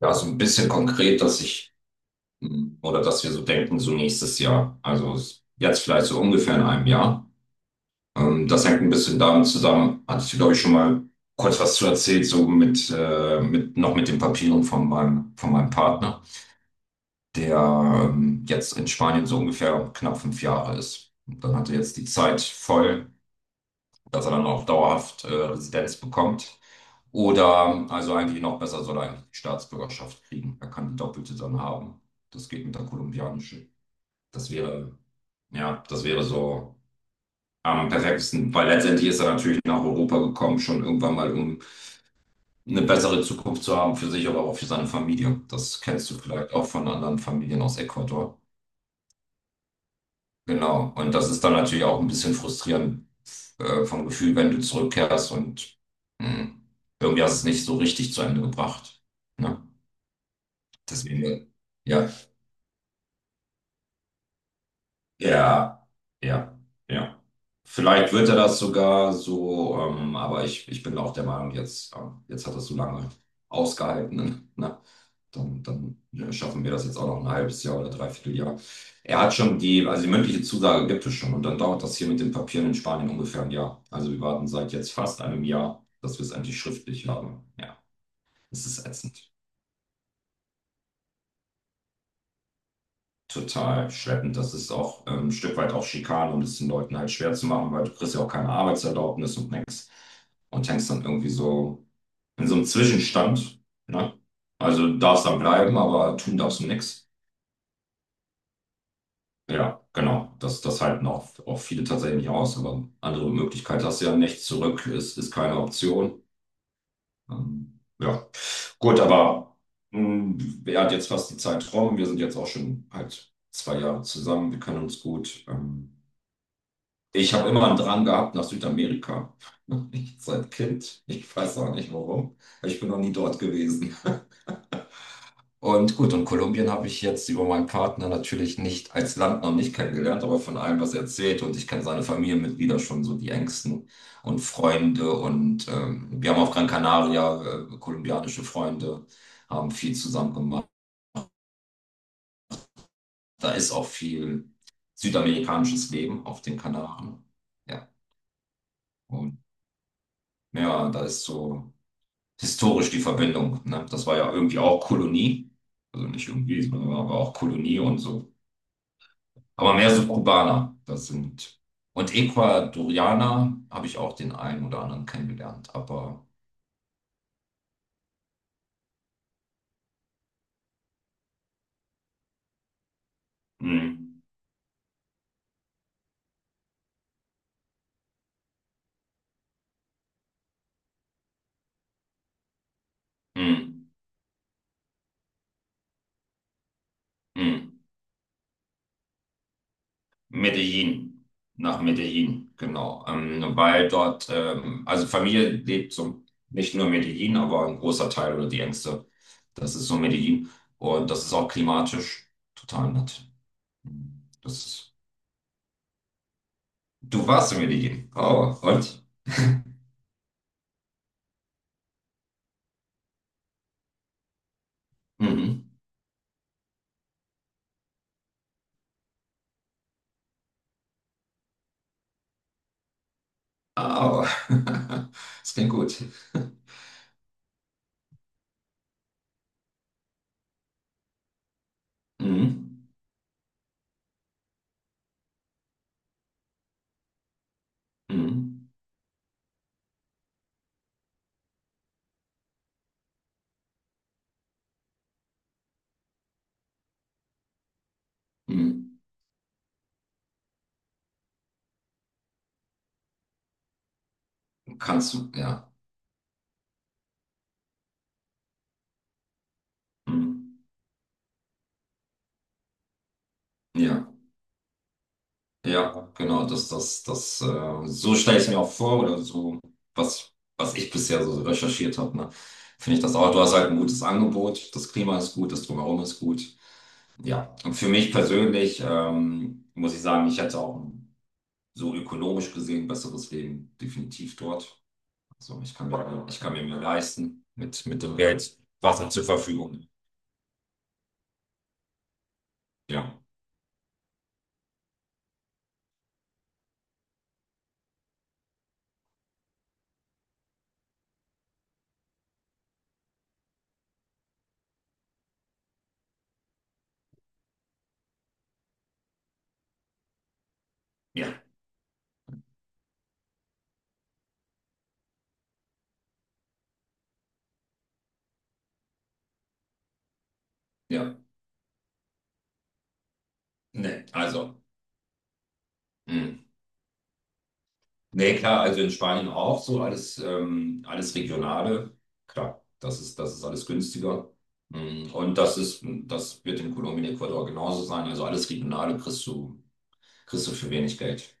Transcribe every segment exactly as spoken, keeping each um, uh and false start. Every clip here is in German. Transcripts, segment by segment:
Ja, so ein bisschen konkret, dass ich hm, oder dass wir so denken, so nächstes Jahr. Also es- jetzt vielleicht so ungefähr in einem Jahr. Ähm, das hängt ein bisschen damit zusammen, hatte ich, glaube ich, schon mal kurz was zu erzählt, so mit, äh, mit noch mit den Papieren von meinem, von meinem Partner, der ähm, jetzt in Spanien so ungefähr knapp fünf Jahre ist. Und dann hat er jetzt die Zeit voll, dass er dann auch dauerhaft äh, Residenz bekommt. Oder, also eigentlich noch besser, soll er eigentlich die Staatsbürgerschaft kriegen. Er kann die doppelte dann haben. Das geht mit der kolumbianischen. Das wäre, ja, das wäre so am perfektesten, weil letztendlich ist er natürlich nach Europa gekommen, schon irgendwann mal, um eine bessere Zukunft zu haben für sich, aber auch für seine Familie. Das kennst du vielleicht auch von anderen Familien aus Ecuador. Genau. Und das ist dann natürlich auch ein bisschen frustrierend äh, vom Gefühl, wenn du zurückkehrst und mh, irgendwie hast du es nicht so richtig zu Ende gebracht. Ne? Deswegen, ja, ja, ja, ja. Vielleicht wird er das sogar so, ähm, aber ich, ich bin auch der Meinung, jetzt, ähm, jetzt hat er so lange ausgehalten. Ne? ne? Dann, dann ne, schaffen wir das jetzt auch noch ein halbes Jahr oder dreiviertel Jahr. Er hat schon die, also die mündliche Zusage gibt es schon und dann dauert das hier mit den Papieren in Spanien ungefähr ein Jahr. Also wir warten seit jetzt fast einem Jahr, dass wir es endlich schriftlich haben. Ja, es ist ätzend. Total schleppend. Das ist auch ähm, ein Stück weit auch Schikane, um es den Leuten halt schwer zu machen, weil du kriegst ja auch keine Arbeitserlaubnis und nix. Und hängst dann irgendwie so in so einem Zwischenstand. Ne? Also du darfst dann bleiben, aber tun darfst du nix. Ja, genau. Das, das halten auch, auch viele tatsächlich nicht aus, aber andere Möglichkeit hast du ja nicht. Zurück ist, ist keine Option. Ähm, ja, gut, aber mh, er hat jetzt fast die Zeit rum. Wir sind jetzt auch schon halt zwei Jahre zusammen. Wir kennen uns gut. Ähm, Ich habe immer einen Drang gehabt nach Südamerika. Ich, seit Kind. Ich weiß auch nicht warum. Ich bin noch nie dort gewesen. Und gut, und Kolumbien habe ich jetzt über meinen Partner natürlich nicht als Land noch nicht kennengelernt, aber von allem, was er erzählt. Und ich kenne seine Familienmitglieder schon so die engsten und Freunde. Und ähm, wir haben auf Gran Canaria äh, kolumbianische Freunde, haben viel zusammen gemacht. Da ist auch viel südamerikanisches Leben auf den Kanaren. Ja, und ja, da ist so historisch die Verbindung. Ne? Das war ja irgendwie auch Kolonie. Also nicht irgendwie, sondern war auch Kolonie und so. Aber mehr so Kubaner. Das sind. Und Ecuadorianer habe ich auch den einen oder anderen kennengelernt. Aber mh, mh, mh. Medellin. Nach Medellin, genau. Ähm, weil dort, ähm, also Familie lebt so nicht nur in Medellin, aber ein großer Teil oder die Ängste. Das ist so Medellin. Und das ist auch klimatisch total nett. Das ist. Du warst in Medellin. Oh, und? Mhm. Oh. Das klingt gut. Mhm. Mhm. Mhm. Kannst du, ja. Mhm. Ja, ja, genau. Das, das, das, äh, so stelle ich es mir auch vor, oder so, was, was ich bisher so recherchiert habe, ne? Finde ich das auch. Du hast halt ein gutes Angebot, das Klima ist gut, das Drumherum ist gut. Ja, und für mich persönlich ähm, muss ich sagen, ich hätte auch so ökonomisch gesehen besseres Leben definitiv dort. So, ich kann mir, ich kann mir mehr leisten mit, mit dem Geld, was er zur Verfügung. Ja, ja, ja. Nee, also. Mh. Nee, klar, also in Spanien auch so alles, ähm, alles Regionale. Klar, das ist, das ist alles günstiger. Mm, Und das ist, das wird in Kolumbien, Ecuador genauso sein. Also alles Regionale kriegst du, kriegst du für wenig Geld.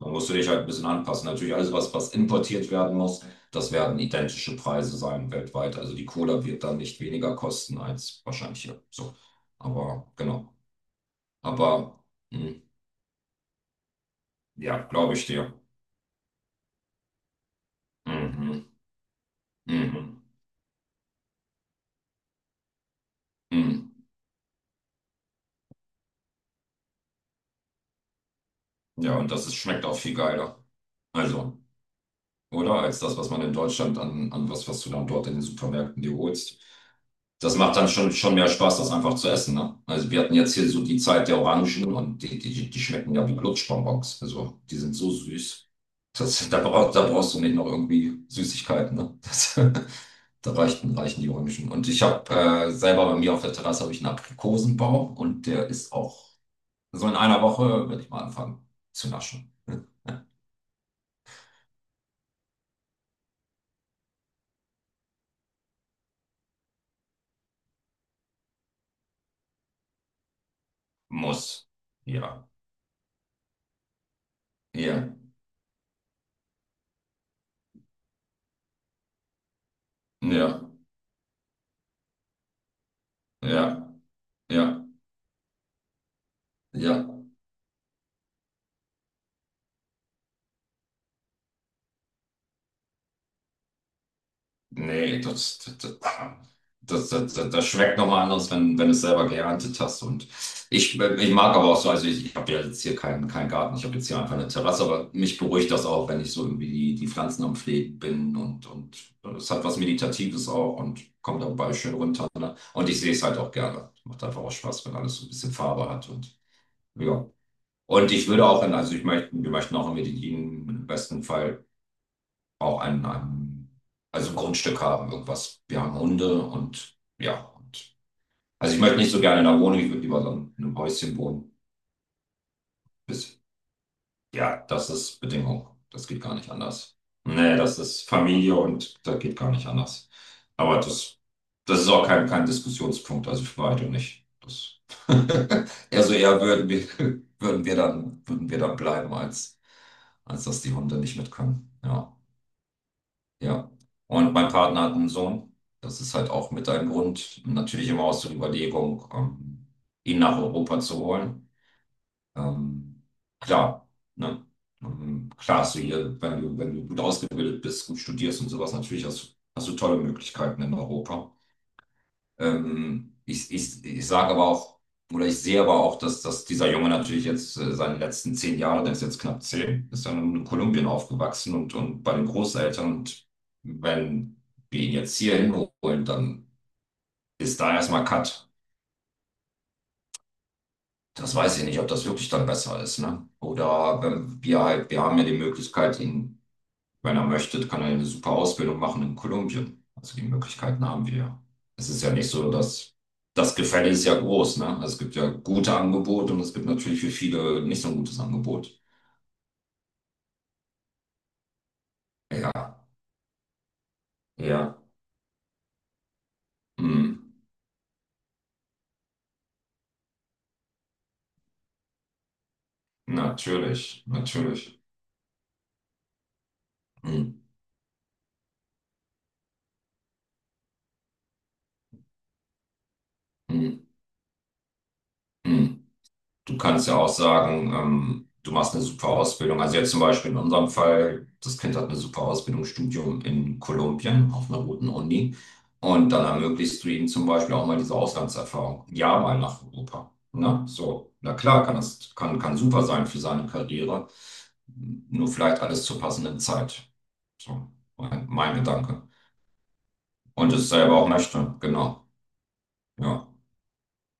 Dann musst du dich halt ein bisschen anpassen. Natürlich alles, was, was importiert werden muss, das werden identische Preise sein weltweit. Also die Cola wird dann nicht weniger kosten als wahrscheinlich hier. So. Aber genau. Aber hm, ja, glaube ich dir. Mhm, mhm, mhm. Ja, und das ist, schmeckt auch viel geiler. Also, oder? Als das, was man in Deutschland an, an was, was du dann dort in den Supermärkten dir holst. Das macht dann schon, schon mehr Spaß, das einfach zu essen, ne? Also wir hatten jetzt hier so die Zeit der Orangen und die, die, die schmecken ja wie Lutschbonbons. Also die sind so süß. Das, da, brauch, da brauchst du nicht noch irgendwie Süßigkeiten, ne? Das, da reichten, reichen die Orangen. Und ich habe äh, selber bei mir auf der Terrasse habe ich einen Aprikosenbaum und der ist auch so in einer Woche, werde ich mal anfangen zu naschen. Muss. Ja. Ja. Ja. Ja, ja, ja. Nee, das, das, das, das, das, das das schmeckt nochmal anders, wenn, wenn du es selber geerntet hast. Und ich, ich mag aber auch so, also ich, ich habe ja jetzt hier keinen keinen Garten, ich habe jetzt hier einfach eine Terrasse, aber mich beruhigt das auch, wenn ich so irgendwie die, die Pflanzen am Pflegen bin und, und es hat was Meditatives auch und kommt dabei schön runter. Ne? Und ich sehe es halt auch gerne. Macht einfach auch Spaß, wenn alles so ein bisschen Farbe hat und ja. Und ich würde auch, in, also ich möchte, wir möchten auch in Medellin im besten Fall auch ein, ein also ein Grundstück haben, irgendwas. Wir haben Hunde und ja. Und, also ich möchte nicht so gerne in einer Wohnung, ich würde lieber so in einem Häuschen wohnen. Bis, ja, das ist Bedingung. Das geht gar nicht anders. Nee, das ist Familie und das geht gar nicht anders. Aber das, das ist auch kein, kein Diskussionspunkt, also für beide nicht. Das, eher so eher würden wir, würden wir dann, würden wir dann bleiben, als, als dass die Hunde nicht mit können. Ja. Ja, und mein Partner hat einen Sohn. Das ist halt auch mit ein Grund, natürlich immer aus der Überlegung, ähm, ihn nach Europa zu holen. Ähm, klar, ne? Ähm, klar hast du hier, wenn du, wenn du gut ausgebildet bist, gut studierst und sowas, natürlich hast, hast du tolle Möglichkeiten in Europa. Ähm, ich ich, ich sage aber auch, oder ich sehe aber auch, dass, dass dieser Junge natürlich jetzt äh, seine letzten zehn Jahre, der ist jetzt knapp zehn, ist dann in Kolumbien aufgewachsen und, und bei den Großeltern. Und wenn wir ihn jetzt hier hinholen, dann ist da erstmal Cut. Das weiß ich nicht, ob das wirklich dann besser ist, ne? Oder wenn wir halt, wir haben ja die Möglichkeit, ihn wenn er möchte, kann er eine super Ausbildung machen in Kolumbien. Also die Möglichkeiten haben wir ja. Es ist ja nicht so, dass das Gefälle ist ja groß, ne? Also es gibt ja gute Angebote und es gibt natürlich für viele nicht so ein gutes Angebot. Ja, ja, mm, natürlich, natürlich. Mm, mm, mm. Du kannst ja auch sagen, ähm, du machst eine super Ausbildung. Also jetzt zum Beispiel in unserem Fall, das Kind hat eine super Ausbildung, Studium in Kolumbien auf einer guten Uni. Und dann ermöglichst du ihm zum Beispiel auch mal diese Auslandserfahrung. Ja, mal nach Europa. Na, so. Na klar, kann das, kann, kann super sein für seine Karriere. Nur vielleicht alles zur passenden Zeit. So, mein, mein Gedanke. Und es selber auch möchte, genau. Ja.